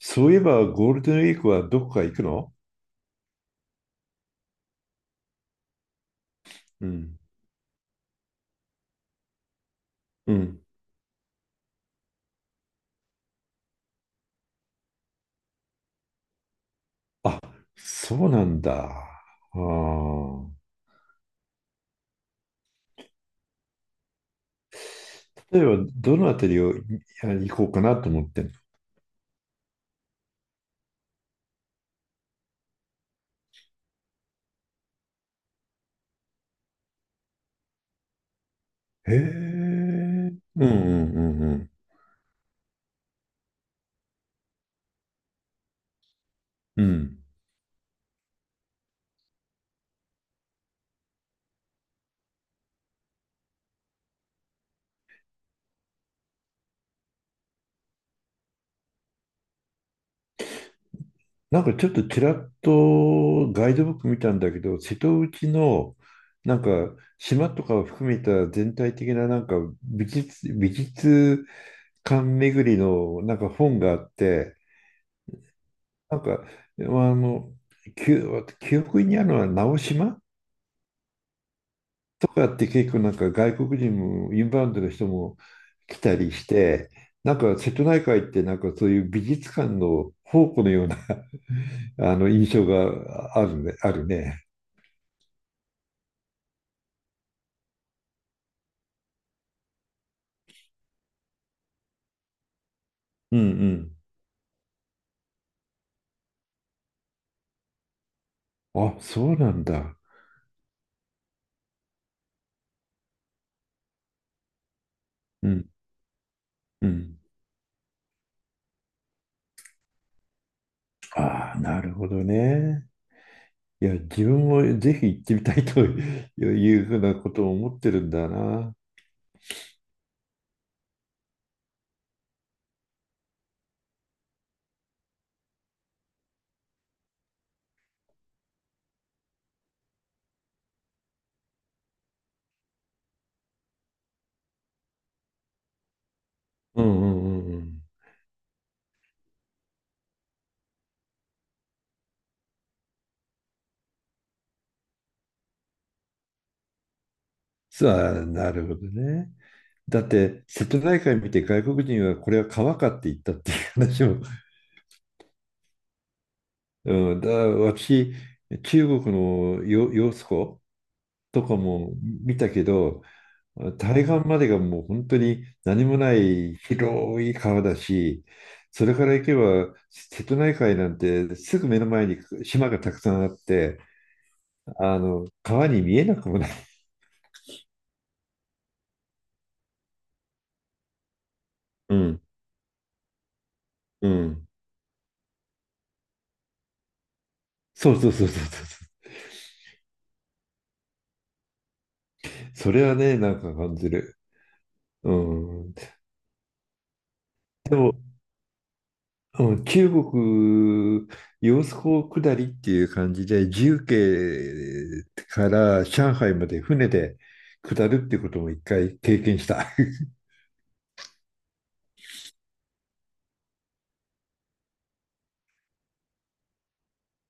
そういえばゴールデンウィークはどこか行くの？うん。うん。あ、そうなんだ。あー例えば、どのあたりを行こうかなと思ってんの？へえ。うんうんうんうん。うん。なんかちょっとちらっとガイドブック見たんだけど、瀬戸内のなんか島とかを含めた全体的ななんか美術館巡りのなんか本があって、なんか、まあ、あの、記記憶にあるのは直島とかって結構なんか外国人もインバウンドの人も来たりして、なんか瀬戸内海ってなんかそういう美術館の宝庫のような あの印象があるね、あるね。うんうん。あ、そうなんだ。うんうん。ああ、なるほどね。いや、自分もぜひ行ってみたいというふうなことを思ってるんだな。うんうんうんうん。さあ、なるほどね。だって瀬戸内海見て外国人はこれは川かって言ったっていう話も、うん、私中国の揚子湖とかも見たけど、対岸までがもう本当に何もない広い川だし、それから行けば瀬戸内海なんてすぐ目の前に島がたくさんあって、あの、川に見えなくもない。うんうん、そうそうそうそうそう。それはね、なんか感じる。うん。でも、うん、中国、揚子江下りっていう感じで、重慶から上海まで船で下るってことも一回経験した。い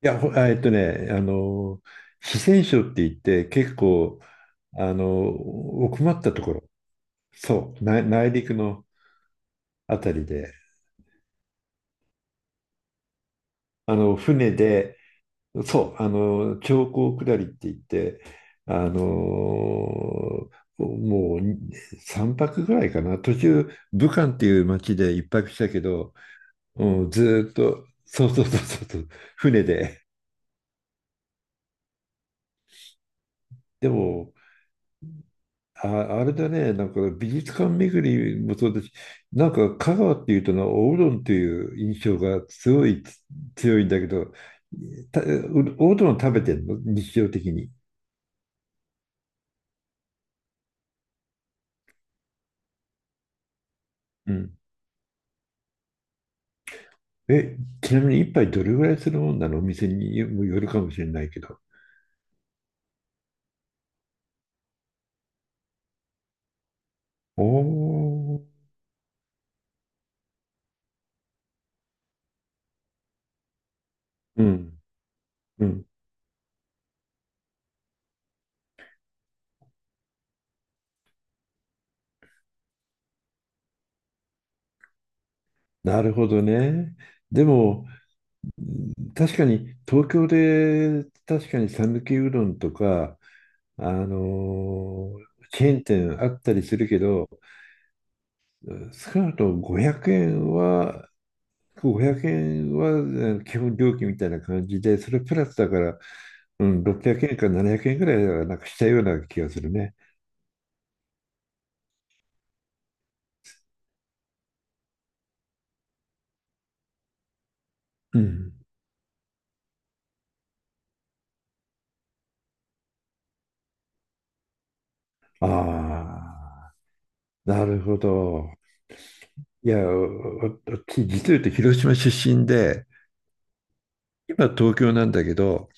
や、ほあえっとね、あの、四川省って言って結構、あの、奥まったところ、そう、内陸のあたりで、あの、船でそう、あの、長江下りって言って、あの、もうに3泊ぐらいかな、途中、武漢っていう町で一泊したけど、うん、ずーっと、そうそうそうそうそう、船で。でも、あ、あれだね、なんか美術館巡りもそうだし、なんか香川っていうとな、おうどんっていう印象がすごい強いんだけど、た、おうどん食べてんの日常的に？うん。ちなみに一杯どれぐらいするもんなの？お店によるかもしれないけど。おー、うん、うん。なるほどね。でも、うん、確かに東京で、確かに讃岐うどんとか、あのーチェーン店あったりするけど、うん、少なくとも500円は、5 0円はえ基本料金みたいな感じで、それプラスだから、うん、600円か700円ぐらいはなんかしたような気がするね。うん。ああ、なるほど。いや、お私実を言うと広島出身で、今東京なんだけど、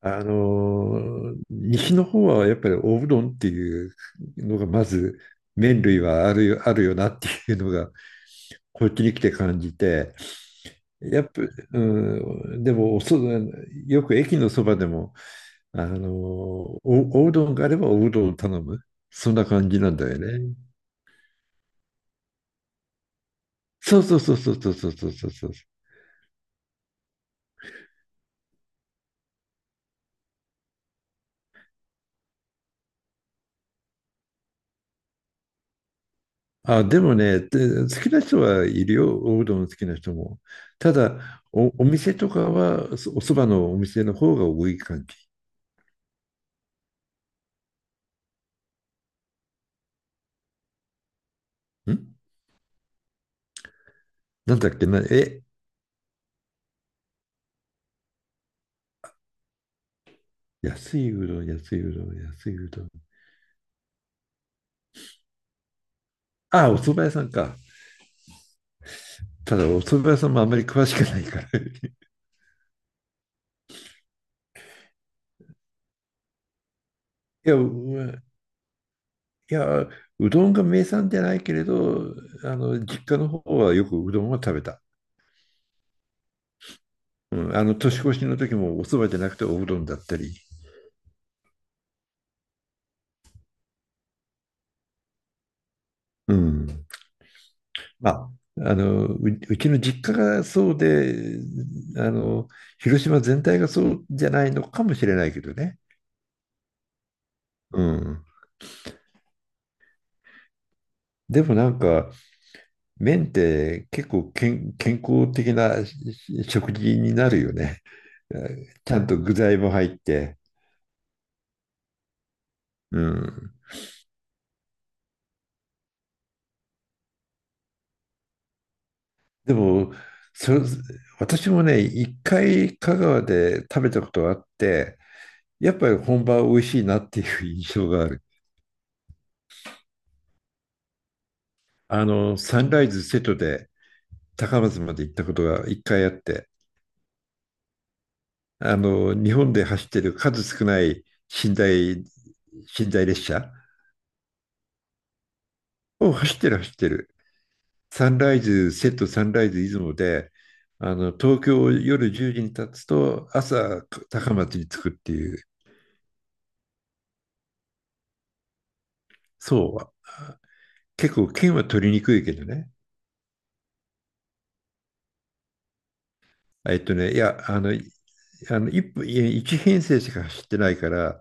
西の方はやっぱりおうどんっていうのがまず麺類はあるよ、あるよなっていうのがこっちに来て感じて、やっぱ、うん、でもよく駅のそばでも、あの、おうどんがあればおうどんを頼む。そんな感じなんだよね。そうそうそうそうそうそうそうそうそう。あ、でもね、で、好きな人はいるよ。おうどん好きな人も。ただ、お店とかは、おそばのお店の方が多い感じ。なんだっけな、安いうどん、安いうどん、安いうどん。あ、お蕎麦屋さんか。ただ、お蕎麦屋さんもあんまり詳しくないから。いや、いや、うどんが名産じゃないけれど、あの、実家の方はよくうどんは食べた。うん、あの、年越しの時もお蕎麦じゃなくておうどんだったり。うん。まあ、あの、うちの実家がそうで、あの、広島全体がそうじゃないのかもしれないけどね。うん。でもなんか、麺って結構健康的なし食事になるよね。ちゃんと具材も入って。うん。でも、そ、私もね、一回香川で食べたことがあって、やっぱり本場は美味しいなっていう印象がある。あの、サンライズ瀬戸で高松まで行ったことが一回あって、あの、日本で走ってる数少ない寝台、寝台列車を走ってる走ってる。サンライズ瀬戸、サンライズ出雲で、あの、東京を夜10時に立つと朝高松に着くっていう、そう。結構県は取りにくいけどね。いや、あの、1分、いや、一編成しか走ってないから、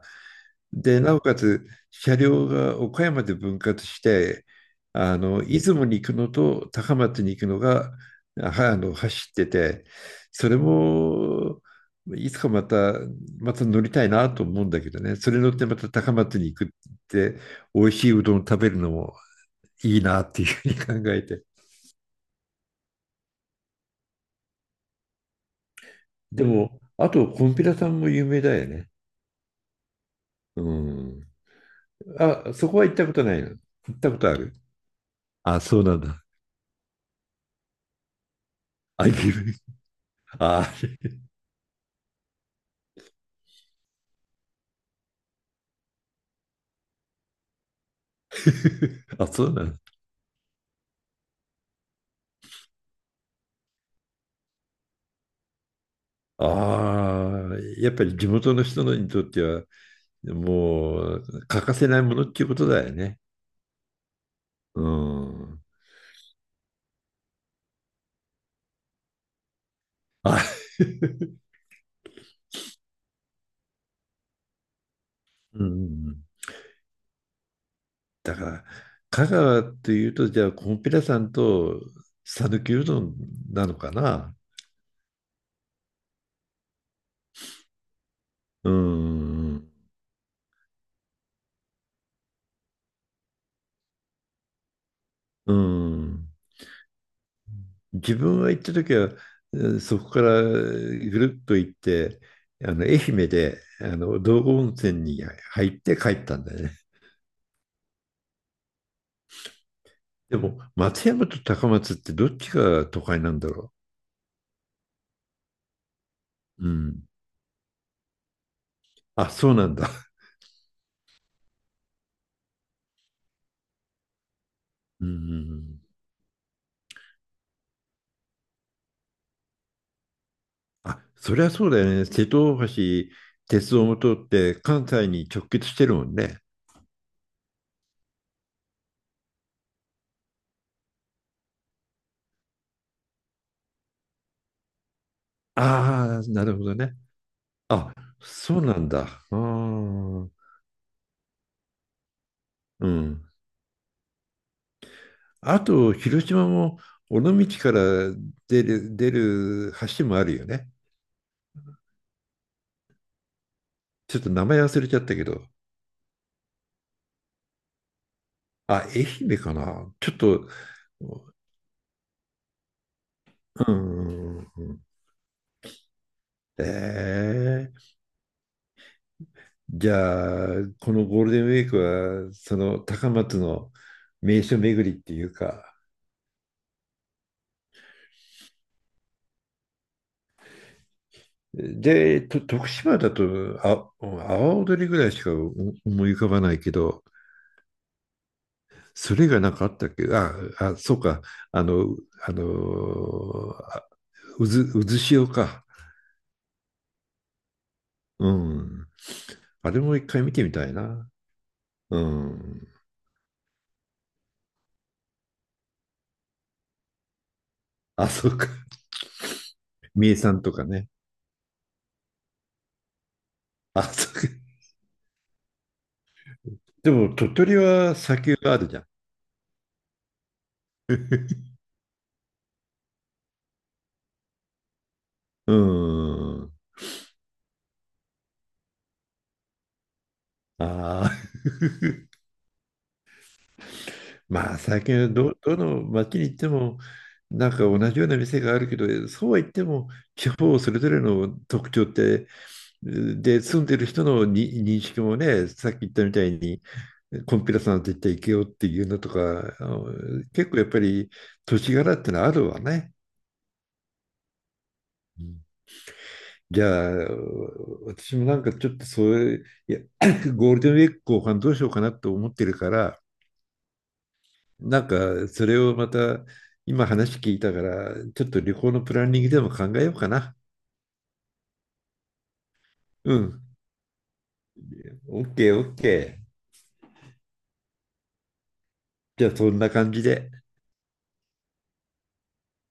で、なおかつ車両が岡山で分割して、あの、出雲に行くのと高松に行くのが、あの、走ってて、それも、いつかまた、また乗りたいなと思うんだけどね、それ乗ってまた高松に行くって、美味しいうどん食べるのもいいなっていうふうに考えて。でも、あと、コンピラさんも有名だよね。うん。あ、そこは行ったことないの？行ったことある？あ、そうなんだ。あ、岐阜。あ、あ、そうなんだ。ああ、やっぱり地元の人にとっては、もう欠かせないものっていうことだよね。うん。あ、うん。だから、香川というと、じゃあ、コンピラさんと讃岐うどんなのかな。うん。うん。自分は行った時は、そこからぐるっと行って、あの、愛媛であの道後温泉に入って帰ったんだよね。でも、松山と高松ってどっちが都会なんだろう？うん。あ、そうなんだ。うん。あ、そりゃそうだよね。瀬戸大橋、鉄道も通って関西に直結してるもんね。ああ、なるほどね。あ、そうなんだ。ああ、うん。あと、広島も尾道から出る橋もあるよね。ちょっと名前忘れちゃったけど。あ、愛媛かな。ちょっと、うんえー、じゃあ、このゴールデンウィークは、その高松の名所巡りっていうか、で、徳島だと、あ、阿波踊りぐらいしか思い浮かばないけど、それがなんかあったっけ？あ、あ、そうか、あの、あの、うずしおか。うん。あれも一回見てみたいな。うん。あ、そうか。三重さんとかね。あ、そうか。でも、鳥取は砂丘があるじゃん。うん。ああ。まあ最近はどの街に行っても、なんか同じような店があるけど、そうは言っても地方それぞれの特徴って、で住んでる人のに認識もね、さっき言ったみたいにコンピュラさんと言って行けよっていうのとか、あの、結構やっぱり土地柄ってのはあるわね。うん、じゃあ、私もなんかちょっとそういう、いや ゴールデンウィーク後半どうしようかなと思ってるから、なんか、それをまた、今話聞いたから、ちょっと旅行のプランニングでも考えようかな。うん。オッケー、オッケー。じゃあ、そんな感じで。